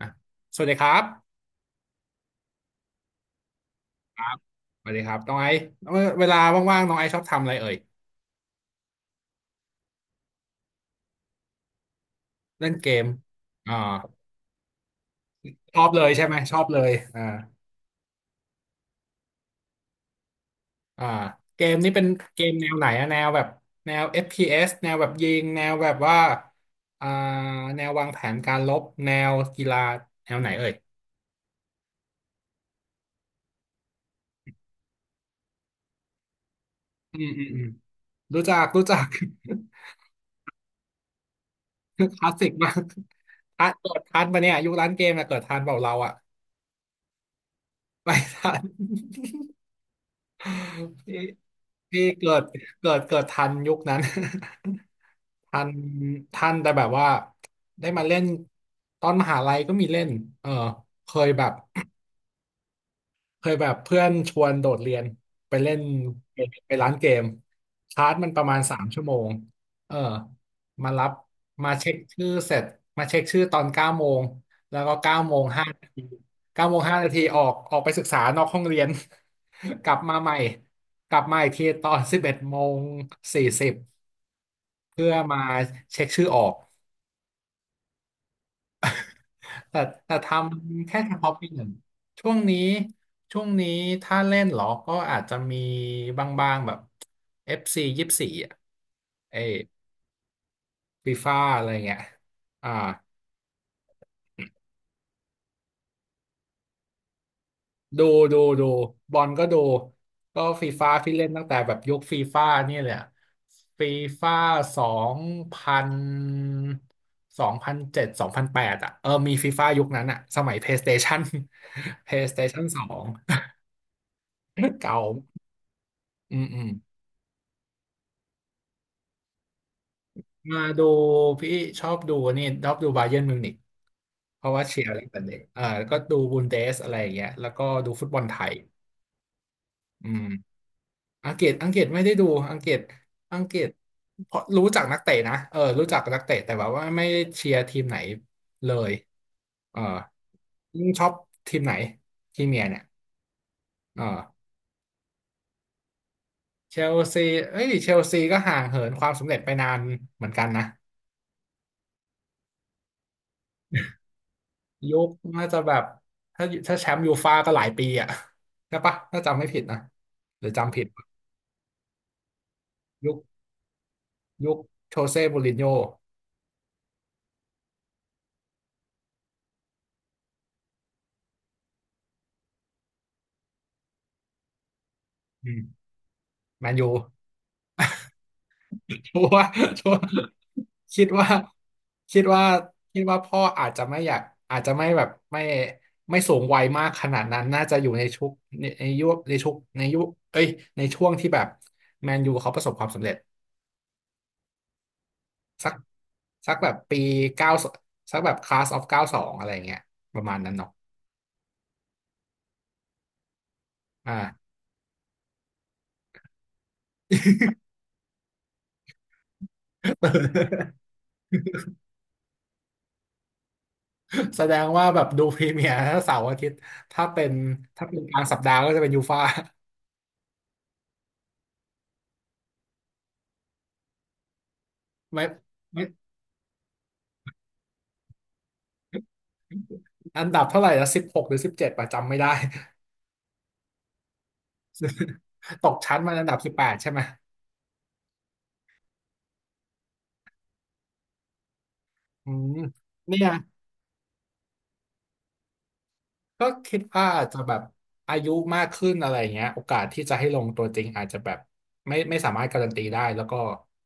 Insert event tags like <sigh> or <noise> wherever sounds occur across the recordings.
อ่ะสวัสดีครับครับสวัสดีครับน้องไอซ์เวลาว่างๆน้องไอซ์ชอบทำอะไรเอ่ยเล่นเกมอ่าชอบเลยใช่ไหมชอบเลยอ่าอ่าเกมนี้เป็นเกมแนวไหนอะแนวแบบแนว FPS แนวแบบยิงแนวแบบว่าอ่าแนววางแผนการรบแนวกีฬาแนวไหนเอ่ยอืมอืมอืมรู้จักรู้จัก <laughs> คลาสสิกมากทันเกิดทันปะเนี่ยยุคร้านเกมอะเกิดทันเปล่าเราอะไม่ทัน พี่เกิดทันยุคนั้น <laughs> ทันทันแต่แบบว่าได้มาเล่นตอนมหาลัยก็มีเล่นเออเคยแบบ เคยแบบเพื่อนชวนโดดเรียนไปเล่นเกมไปร้านเกมชาร์จมันประมาณ3 ชั่วโมงเออมารับมาเช็คชื่อเสร็จมาเช็คชื่อตอนเก้าโมงแล้วก็เก้าโมงห้านาทีออกไปศึกษานอกห้องเรียน <laughs> กลับมาใหม่กลับมาอีกทีตอน11 โมง 40เพื่อมาเช็คชื่อออก แต่แต่ทำแค่เฉพาะปีหนึ่งช่วงนี้ช่วงนี้ถ้าเล่นเหรอก็อาจจะมีบางๆแบบ FC 24อ่ะเอฟีฟ่าอะไรเงี้ยอ่าดูดูบอลก็ดูก็ฟีฟ่าพี่เล่นตั้งแต่แบบยุคฟีฟ่านี่เลยอะฟีฟ่าสองพัน20072008อ่ะเออมีฟีฟ่ายุคนั้นอ่ะสมัย PlayStation <laughs> PlayStation 2 <laughs> เก่าอืมอืม มาดูพี่ชอบดูนี่ชอบดูบาเยิร์นมิวนิกเพราะว่าเชียร์อะไรแต่เด็กอ่าแล้วก็ดูบุนเดสอะไรอย่างเงี้ยแล้วก็ดูฟุตบอลไทยอืมอังกฤษไม่ได้ดูอังกฤษอังกฤษเพราะรู้จักนักเตะนะเออรู้จักนักเตะแต่แบบว่าไม่ได้เชียร์ทีมไหนเลยเออยิ่งชอบทีมไหนทีมเมียเนี่ยเออเชลซีเอ้ยเชลซีก็ห่างเหินความสำเร็จไปนานเหมือนกันนะ ยุคน่าจะแบบถ้าแชมป์ยูฟ่าก็หลายปีอ่ะใช่ปะถ้าจำไม่ผิดนะหรือจำผิดยุคยุคโชเซ่มูรินโญ่อืมแมนยู <laughs> ชัวร์ชัวร์คิดว่าคิดว่าคิดว่าพ่ออาจจะไม่อยากอาจจะไม่แบบไม่ไม่สูงวัยมากขนาดนั้นน่าจะอยู่ในชุกในยุคเอ้ยในช่วงที่แบบแมนยูเขาประสบความสำเร็จสักสักแบบปีเก้าสักแบบคลาสออฟ 92อะไรอย่างเงี้ยประมาณนั้นเนาะอ่า <laughs> แสดงว่าแบบดูพรีเมียร์เสาร์อาทิตย์ถ้าเป็นถ้าเป็นกลางสัปดาห์ก็จะเป็นยูฟ่า <laughs> ไม่ไม่อันดับเท่าไหร่ละ16หรือ17ประจำไม่ได้ <laughs> ตกชั้นมาอันดับ18ใช่ไหมอืมเนี่ย ก็คิดว่าอาจจะแบบอายุมากขึ้นอะไรอย่างเงี้ยโอกาสที่จะให้ลงตัวจริงอาจจะแบบไม่สามารถการันตีได้แล้วก็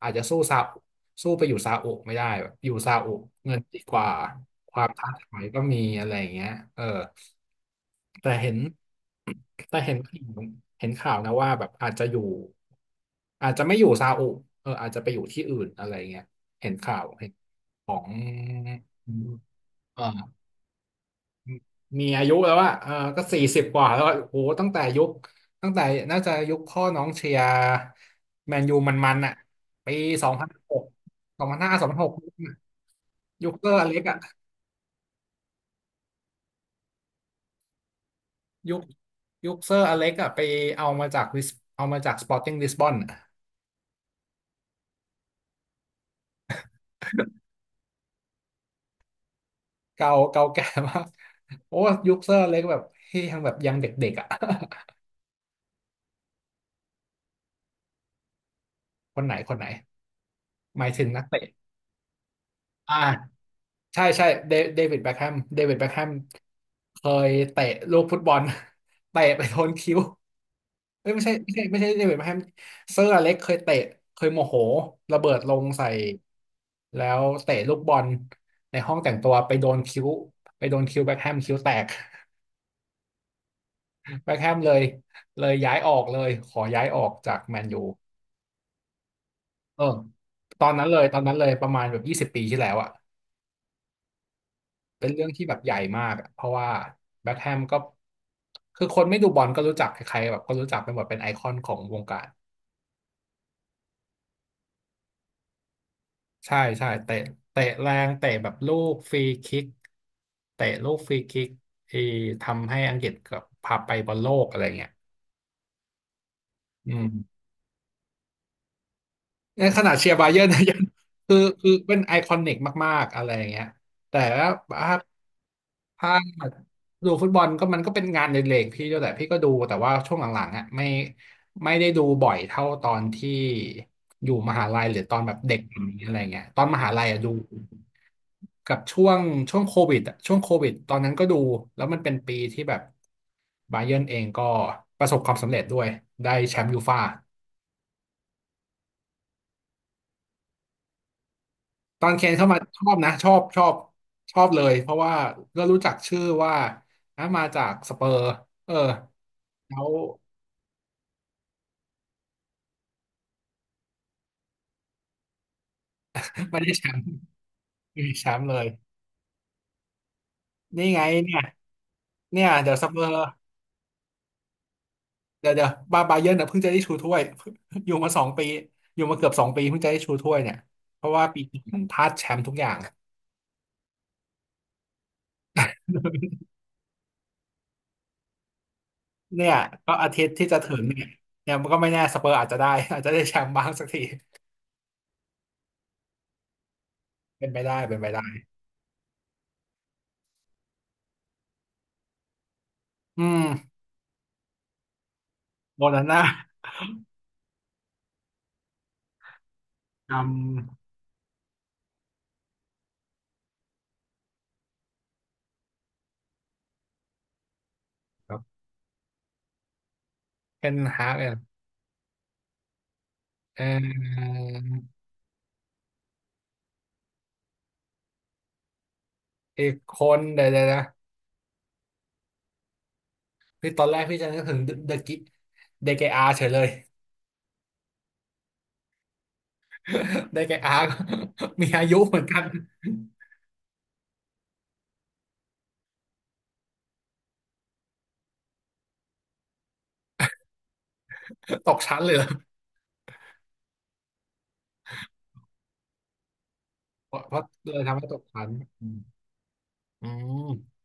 อาจจะสู้ซาอุสู้ไปอยู่ซาอุไม่ได้แบบอยู่ซาอุเงินดีกว่าความท้าทายก็มีอะไรอย่างเงี้ยเออแต่เห็นแต่เห็นเห็นข่าวนะว่าแบบอาจจะไม่อยู่ซาอุเอออาจจะไปอยู่ที่อื่นอะไรเงี้ยเห็นข่าวเห็นของเอ่อ มีอายุแล้วอะเออก็สี่สิบกว่าแล้วอะโอ้โหตั้งแต่น่าจะยุคพ่อน้องเชียร์แมนยูมันๆอะปีสองพันหก2005สองพันหกยุคเซอร์อเล็กอะยุคยุคเซอร์อเล็กอะไปเอามาจากลิสเอามาจากสปอร์ติ้งลิสบอนเก่าแก่มากโอ้ยุคเซอร์อเล็กแบบที่ยังแบบยังเด็กๆอะ <laughs> คนไหนคนไหนหมายถึงนักเตะอ่า ใช่ใช่เดวิดแบ็คแฮมเคยเตะลูกฟุตบอล <laughs> เตะไปโดนคิ้วเอ้ยไม่ใช่ไม่ใช่ไม่ใช่เดวิดแบ็คแฮมเซอร์อเล็กเคยเตะเคยโมโหระเบิดลงใส่แล้วเตะลูกบอลในห้องแต่งตัวไปโดนคิ้วไปโดนคิ้วแบ็คแฮมคิ้วแตก <laughs> แบ็คแฮมเลยเลยย้ายออกเลยขอย้ายออกจากแมนยูเออตอนนั้นเลยประมาณแบบ20 ปีที่แล้วอะ เป็นเรื่องที่แบบใหญ่มากอะเพราะว่าแบ็คแฮมก็คือคนไม่ดูบอลก็รู้จักใครๆแบบก็รู้จักไปหมดเป็นไอคอนของวงการใช่ใช่เตะแรงเตะแบบลูกฟรีคิกเตะลูกฟรีคิกเออทำให้อังกฤษกับพาไปบอลโลกอะไรเงี้ยอืมในขณะเชียร์บาเยิร์นนะยัง <laughs> คือเป็นไอคอนิกมากๆอะไรอย่างเงี้ยแต่ว่า ถ้าดูฟุตบอลก็มันก็เป็นงานเล็กๆพี่ด้วยแหละพี่ก็ดูแต่ว่าช่วงหลังๆอ่ะไม่ได้ดูบ่อยเท่าตอนที่อยู่มหาลัยหรือตอนแบบเด็กอะไรเงี้ยตอนมหาลัยอะดูกับช่วงโควิดอะช่วงโควิดตอนนั้นก็ดูแล้วมันเป็นปีที่แบบบาเยิร์นเองก็ประสบความสำเร็จด้วยได้แชมป์ยูฟ่าตอนเคนเข้ามาชอบนะชอบชอบเลยเพราะว่าก็รู้จักชื่อว่าอ่ะมาจากสเปอร์เออแล้ว <laughs> ไม่ได้แชมป์ มีแชมป์เลยนี่ไงเนี่ยเนี่ยเดี๋ยวซัปเปอร์เดี๋ยวบาเยิร์นเนี่ยเพิ่งจะได้ชูถ้วย <laughs> อยู่มาสองปีอยู่มาเกือบสองปีเพิ่งจะได้ชูถ้วยเนี่ยเพราะว่าปีก่อนพลาดแชมป์ทุกอย่างเนี่ยก็อาทิตย์ที่จะถึงเนี่ยเนี่ยมันก็ไม่แน่สเปอร์อาจจะได้ <laughs> อาจจะได้แชมป์บ้างสักทีเป็นไปได้อืมโมนาน่าจำครับเป็นฮาร์กเนี่ยเอออีกคนเดี๋ยวนะพี่ตอนแรกจะนึกถึงเดอะกิเดเกอาเฉยเลย <laughs> ได้แก่อาร์ค <laughs> มีอายุเหมือนกัน <laughs> ตกชั้นเลยเหรอเพราะเลยทำให้ตกชั้นอืมอืม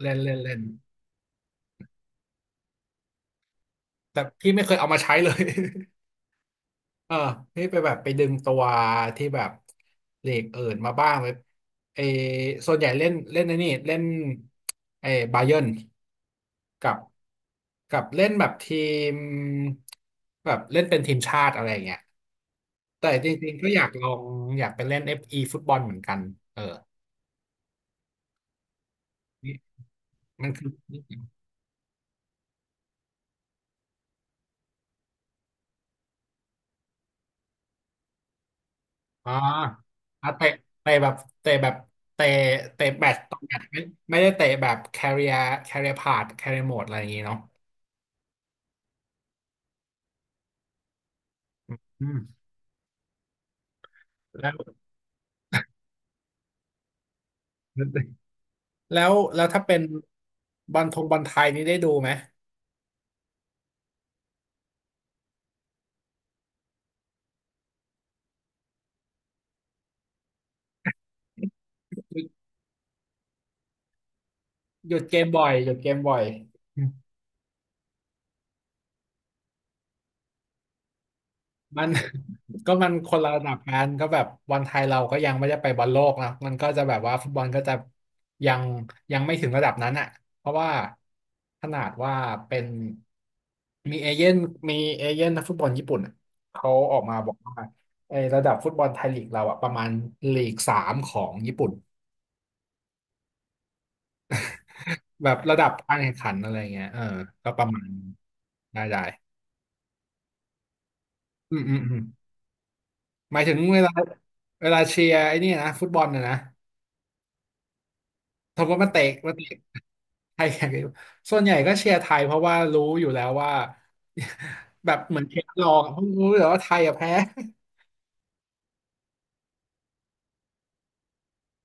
เล่นเล่นเล่นแต่พี่ไม่เคยเอามาใช้เลย <laughs> เออพี่ไปแบบไปดึงตัวที่แบบเลกเอิดมาบ้างไลเออส่วนใหญ่เล่นเล่นไอ้นี่เล่นเออบาเยิร์นกับกับเล่นแบบทีมแบบเล่นเป็นทีมชาติอะไรอย่างเงี้ยแต่จริงๆก็อยากลองอยากไปเล่น FE ฟอีฟุตบอลเหมือนกันเออ มันคืออ๋ออ่ะเตะเตะแบบเตะแบบเตะเตะแบตต่อแบตไม่ได้เตะแบบ career career mode อะไรอย่างงี้เนาะอืมแล้วแล้วถ้าเป็นบอลทงบอลไทยนี่ได้ดูไหมหยุดหยุดเกมบ่อยหยุดเกมบ่อย มัน <laughs> ก็มันคนละระดับกันก็แบบบอลไทยเราก็ยังไม่ได้ไปบอลโลกนะมันก็จะแบบว่าฟุตบอลก็จะยังยังไม่ถึงระดับนั้นอ่ะเพราะว่าขนาดว่าเป็นมีเอเย่นมีเอเย่นนักฟุตบอลญี่ปุ่นอะเขาออกมาบอกว่าไอ้ระดับฟุตบอลไทยลีกเราอ่ะประมาณลีกสามของญี่ปุ่นแบบระดับการแข่งขันอะไรเงี้ยเออก็ประมาณได้อืมอืมอืมหมายถึงเวลาเวลาเชียร์ไอ้นี่นะฟุตบอลนะนะ สมมติมันเตะมันเตะไทยแข่งกันอยู่ส่วนใหญ่ก็เชียร์ไทยเพราะว่ารู้อยู่แล้วว่า <laughs> แบบเหมือนเชียร์รองเพราะรู้อยู่แล้วว่าไทยอะแพ้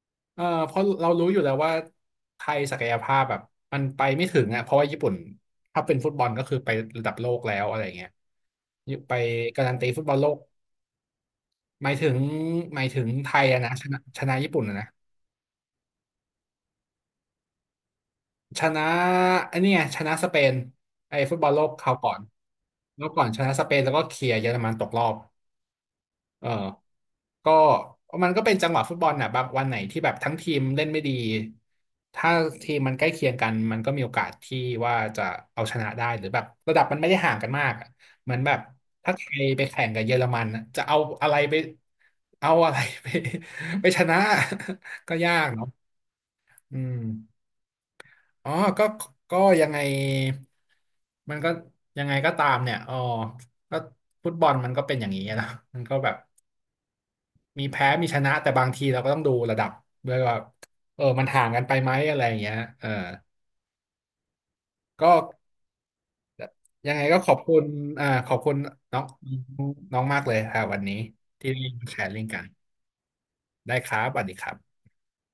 <laughs> เออเพราะเรารู้อยู่แล้วว่าไทยศักยภาพแบบมันไปไม่ถึงอ่ะเพราะว่าญี่ปุ่นถ้าเป็นฟุตบอลก็คือไประดับโลกแล้วอะไรเงี้ยไปการันตีฟุตบอลโลกหมายถึงหมายถึงไทยอะนะชนะชนะญี่ปุ่นอะนะชนะอันนี้ไงชนะสเปนไอ้ฟุตบอลโลกคราวก่อนแล้วก่อนชนะสเปนแล้วก็เคลียร์เยอรมันตกรอบ เออก็มันก็เป็นจังหวะฟุตบอลน่ะบางวันไหนที่แบบทั้งทีมเล่นไม่ดีถ้าทีมมันใกล้เคียงกันมันก็มีโอกาสที่ว่าจะเอาชนะได้หรือแบบระดับมันไม่ได้ห่างกันมากอะเหมือนแบบถ้าไทยไปแข่งกับเยอรมันน่ะจะเอาอะไรไปเอาอะไรไป <laughs> ไปชนะ <laughs> ก็ยากเนาะอืมอ๋อก็ก็ยังไงมันก็ยังไงก็ตามเนี่ยอ๋อก็ฟุตบอลมันก็เป็นอย่างนี้นะมันก็แบบ มีแพ้ มีชนะ แต่บางทีเราก็ต้องดูระดับด้วยว่าเออมันห่างกันไปไหมอะไรอย่างเงี้ยเออก็ยังไงก็ขอบคุณอ่าขอบคุณน้องน้องมากเลยค่ะวันนี้ที่มาแชร์ลิงก์กัน ได้ครับสวัสดีครับ